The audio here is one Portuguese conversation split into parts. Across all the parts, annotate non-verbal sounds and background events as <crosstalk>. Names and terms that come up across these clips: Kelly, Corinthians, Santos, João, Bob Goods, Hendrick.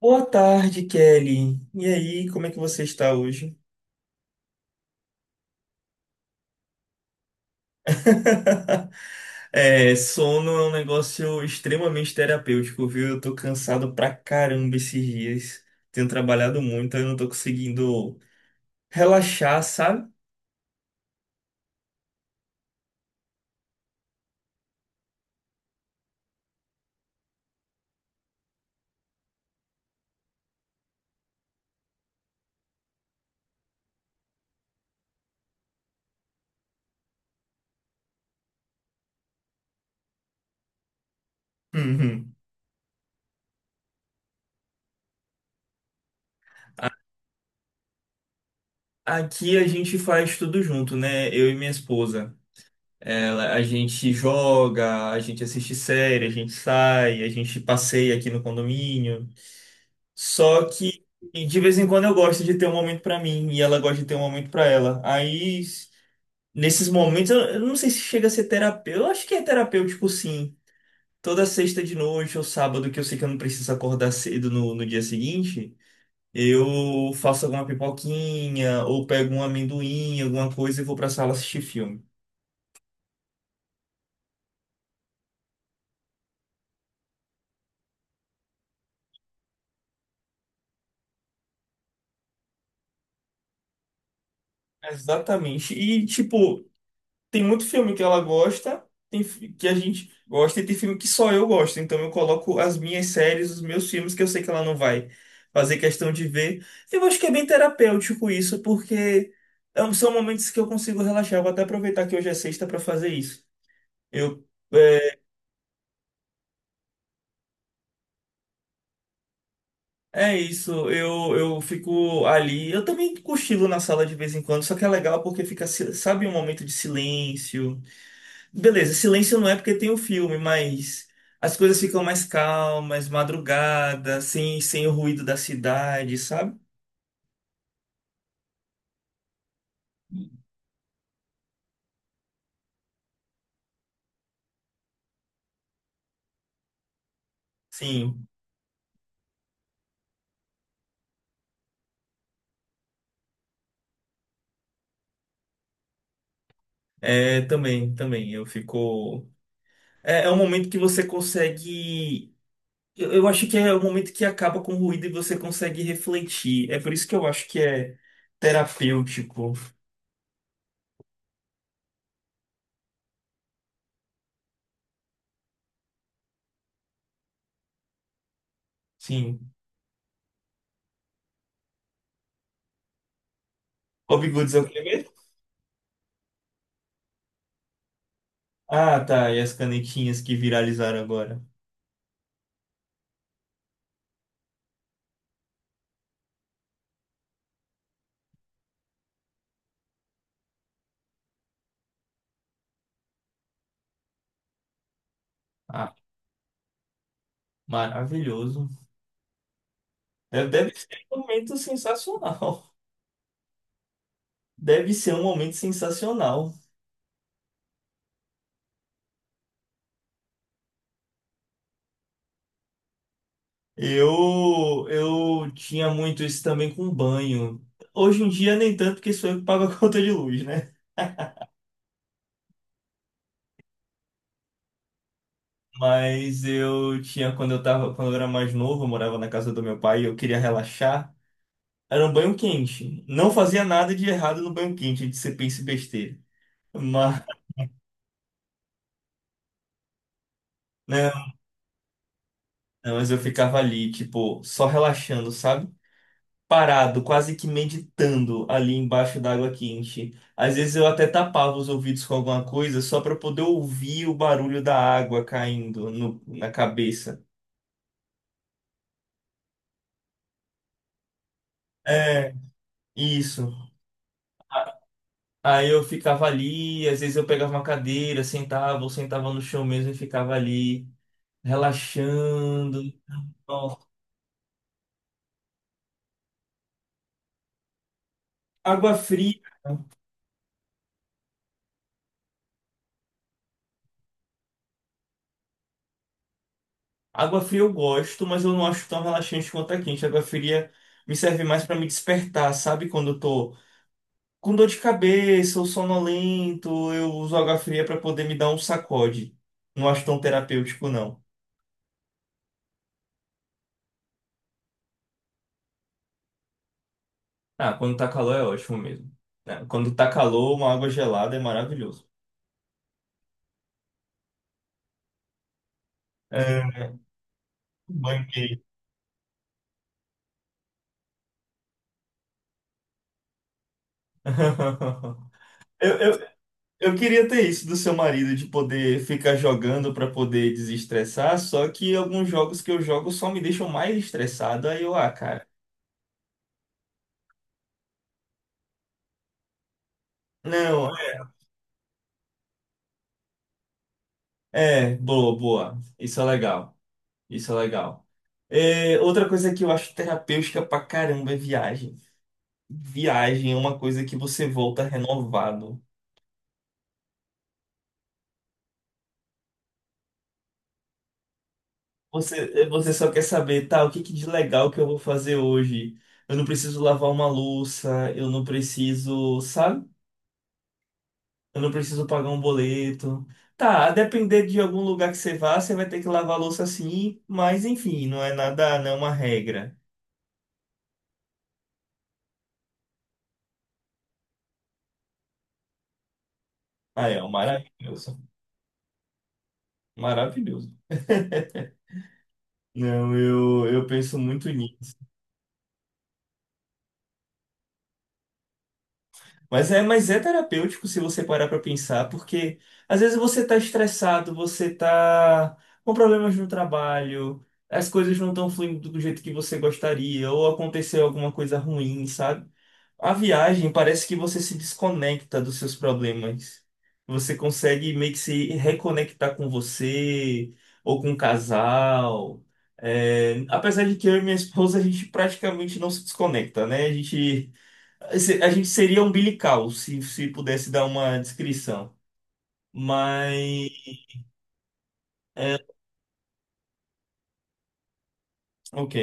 Boa tarde, Kelly. E aí, como é que você está hoje? <laughs> É, sono é um negócio extremamente terapêutico, viu? Eu tô cansado pra caramba esses dias. Tenho trabalhado muito, eu não tô conseguindo relaxar, sabe? Uhum. A- Aqui a gente faz tudo junto, né? Eu e minha esposa. Ela, a gente joga, a gente assiste série, a gente sai, a gente passeia aqui no condomínio. Só que e de vez em quando eu gosto de ter um momento pra mim e ela gosta de ter um momento pra ela. Aí, nesses momentos, eu não sei se chega a ser terapêutico. Eu acho que é terapêutico, sim. Toda sexta de noite ou sábado, que eu sei que eu não preciso acordar cedo no dia seguinte, eu faço alguma pipoquinha ou pego um amendoim, alguma coisa e vou pra sala assistir filme. Exatamente. E, tipo, tem muito filme que ela gosta, que a gente gosta e tem filme que só eu gosto. Então eu coloco as minhas séries, os meus filmes que eu sei que ela não vai fazer questão de ver. Eu acho que é bem terapêutico isso, porque são momentos que eu consigo relaxar. Eu vou até aproveitar que hoje é sexta para fazer isso. Eu é é isso, eu fico ali. Eu também cochilo na sala de vez em quando, só que é legal porque fica, sabe, um momento de silêncio. Beleza, silêncio não é porque tem o filme, mas as coisas ficam mais calmas, madrugada, sem o ruído da cidade, sabe? Sim, é, também, também. Eu fico. É, é um momento que você consegue. Eu acho que é o momento que acaba com o ruído e você consegue refletir. É por isso que eu acho que é terapêutico. Sim. Bob Goods é o que mesmo? Ah, tá. E as canetinhas que viralizaram agora. Ah, maravilhoso. Deve ser um momento sensacional. Deve ser um momento sensacional. Eu tinha muito isso também com banho. Hoje em dia nem tanto, porque sou eu que pago a <laughs> conta de luz, né? Mas eu tinha quando eu tava, quando eu era mais novo, eu morava na casa do meu pai e eu queria relaxar. Era um banho quente. Não fazia nada de errado no banho quente, de ser pense besteira. Mas, não, não, mas eu ficava ali, tipo, só relaxando, sabe? Parado, quase que meditando ali embaixo d'água quente. Às vezes eu até tapava os ouvidos com alguma coisa só para poder ouvir o barulho da água caindo na cabeça. É, isso. A- Aí eu ficava ali, às vezes eu pegava uma cadeira, sentava, ou sentava no chão mesmo e ficava ali, relaxando. Nossa. Água fria. Água fria eu gosto, mas eu não acho tão relaxante quanto a quente. Água fria me serve mais para me despertar, sabe? Quando eu tô com dor de cabeça, eu sonolento, eu uso água fria para poder me dar um sacode. Não acho tão terapêutico, não. Ah, quando tá calor é ótimo mesmo. Né? Quando tá calor, uma água gelada é maravilhoso. É, banho quente. <laughs> Eu, eu, eu queria ter isso do seu marido, de poder ficar jogando para poder desestressar, só que alguns jogos que eu jogo só me deixam mais estressado, aí eu, ah, cara. Não, é, boa, boa. Isso é legal. Isso é legal. É, outra coisa que eu acho terapêutica pra caramba é viagem. Viagem é uma coisa que você volta renovado. Você, é, você só quer saber, tá, o que que de legal que eu vou fazer hoje? Eu não preciso lavar uma louça, eu não preciso, sabe? Eu não preciso pagar um boleto. Tá, a depender de algum lugar que você vá, você vai ter que lavar a louça sim, mas enfim, não é nada, não é uma regra. Ah, é, é um maravilhoso. Maravilhoso. <laughs> Não, eu penso muito nisso. Mas é terapêutico se você parar pra pensar, porque às vezes você tá estressado, você tá com problemas no trabalho, as coisas não estão fluindo do jeito que você gostaria, ou aconteceu alguma coisa ruim, sabe? A viagem parece que você se desconecta dos seus problemas. Você consegue meio que se reconectar com você ou com o casal. É, apesar de que eu e minha esposa a gente praticamente não se desconecta, né? A gente seria umbilical, se pudesse dar uma descrição. Mas, ok.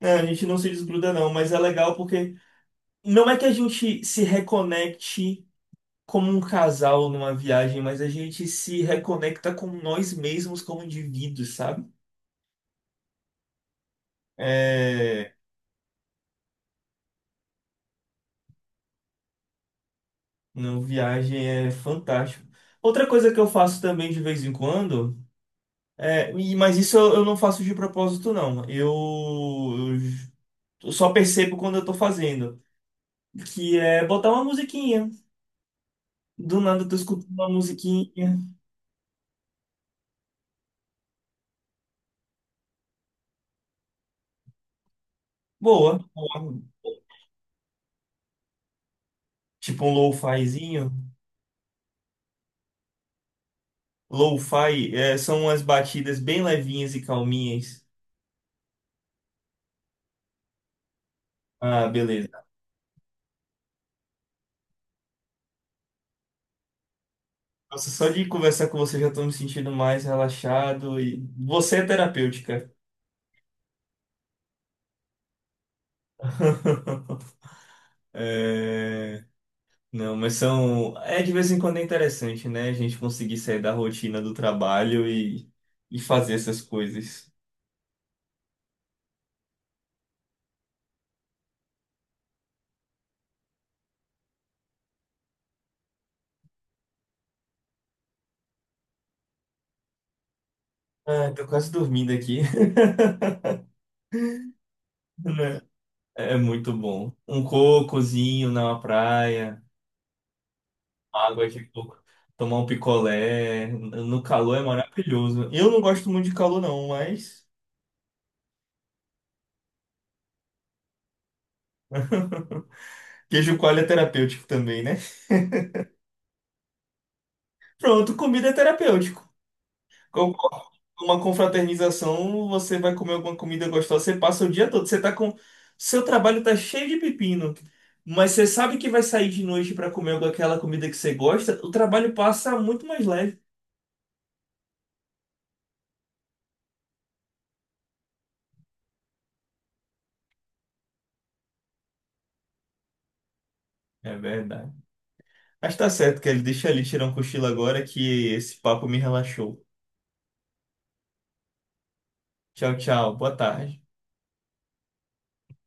É, a gente não se desgruda, não, mas é legal porque não é que a gente se reconecte como um casal numa viagem, mas a gente se reconecta com nós mesmos como indivíduos, sabe? É, não, viagem é fantástico. Outra coisa que eu faço também de vez em quando, mas isso eu não faço de propósito, não. Eu j- eu só percebo quando eu tô fazendo. Que é botar uma musiquinha. Do nada tu escuta uma musiquinha boa, boa. Tipo um lo-fizinho. Lo-fi é, são umas batidas bem levinhas e calminhas. Ah, beleza. Nossa, só de conversar com você já tô me sentindo mais relaxado e você é terapêutica. <laughs> É, não, mas são. É de vez em quando é interessante, né? A gente conseguir sair da rotina do trabalho e fazer essas coisas. Ah, tô quase dormindo aqui. <laughs> Né? É é muito bom. Um cocozinho na praia, água de coco, tomar um picolé. No calor é maravilhoso. Eu não gosto muito de calor, não, mas queijo coalho é terapêutico também, né? Pronto, comida é terapêutico. Com uma confraternização, você vai comer alguma comida gostosa, você passa o dia todo, você tá com. Seu trabalho tá cheio de pepino, mas você sabe que vai sair de noite para comer aquela comida que você gosta, o trabalho passa muito mais leve. É verdade. Mas tá certo, que ele deixa ali tirar um cochilo agora que esse papo me relaxou. Tchau, tchau. Boa tarde.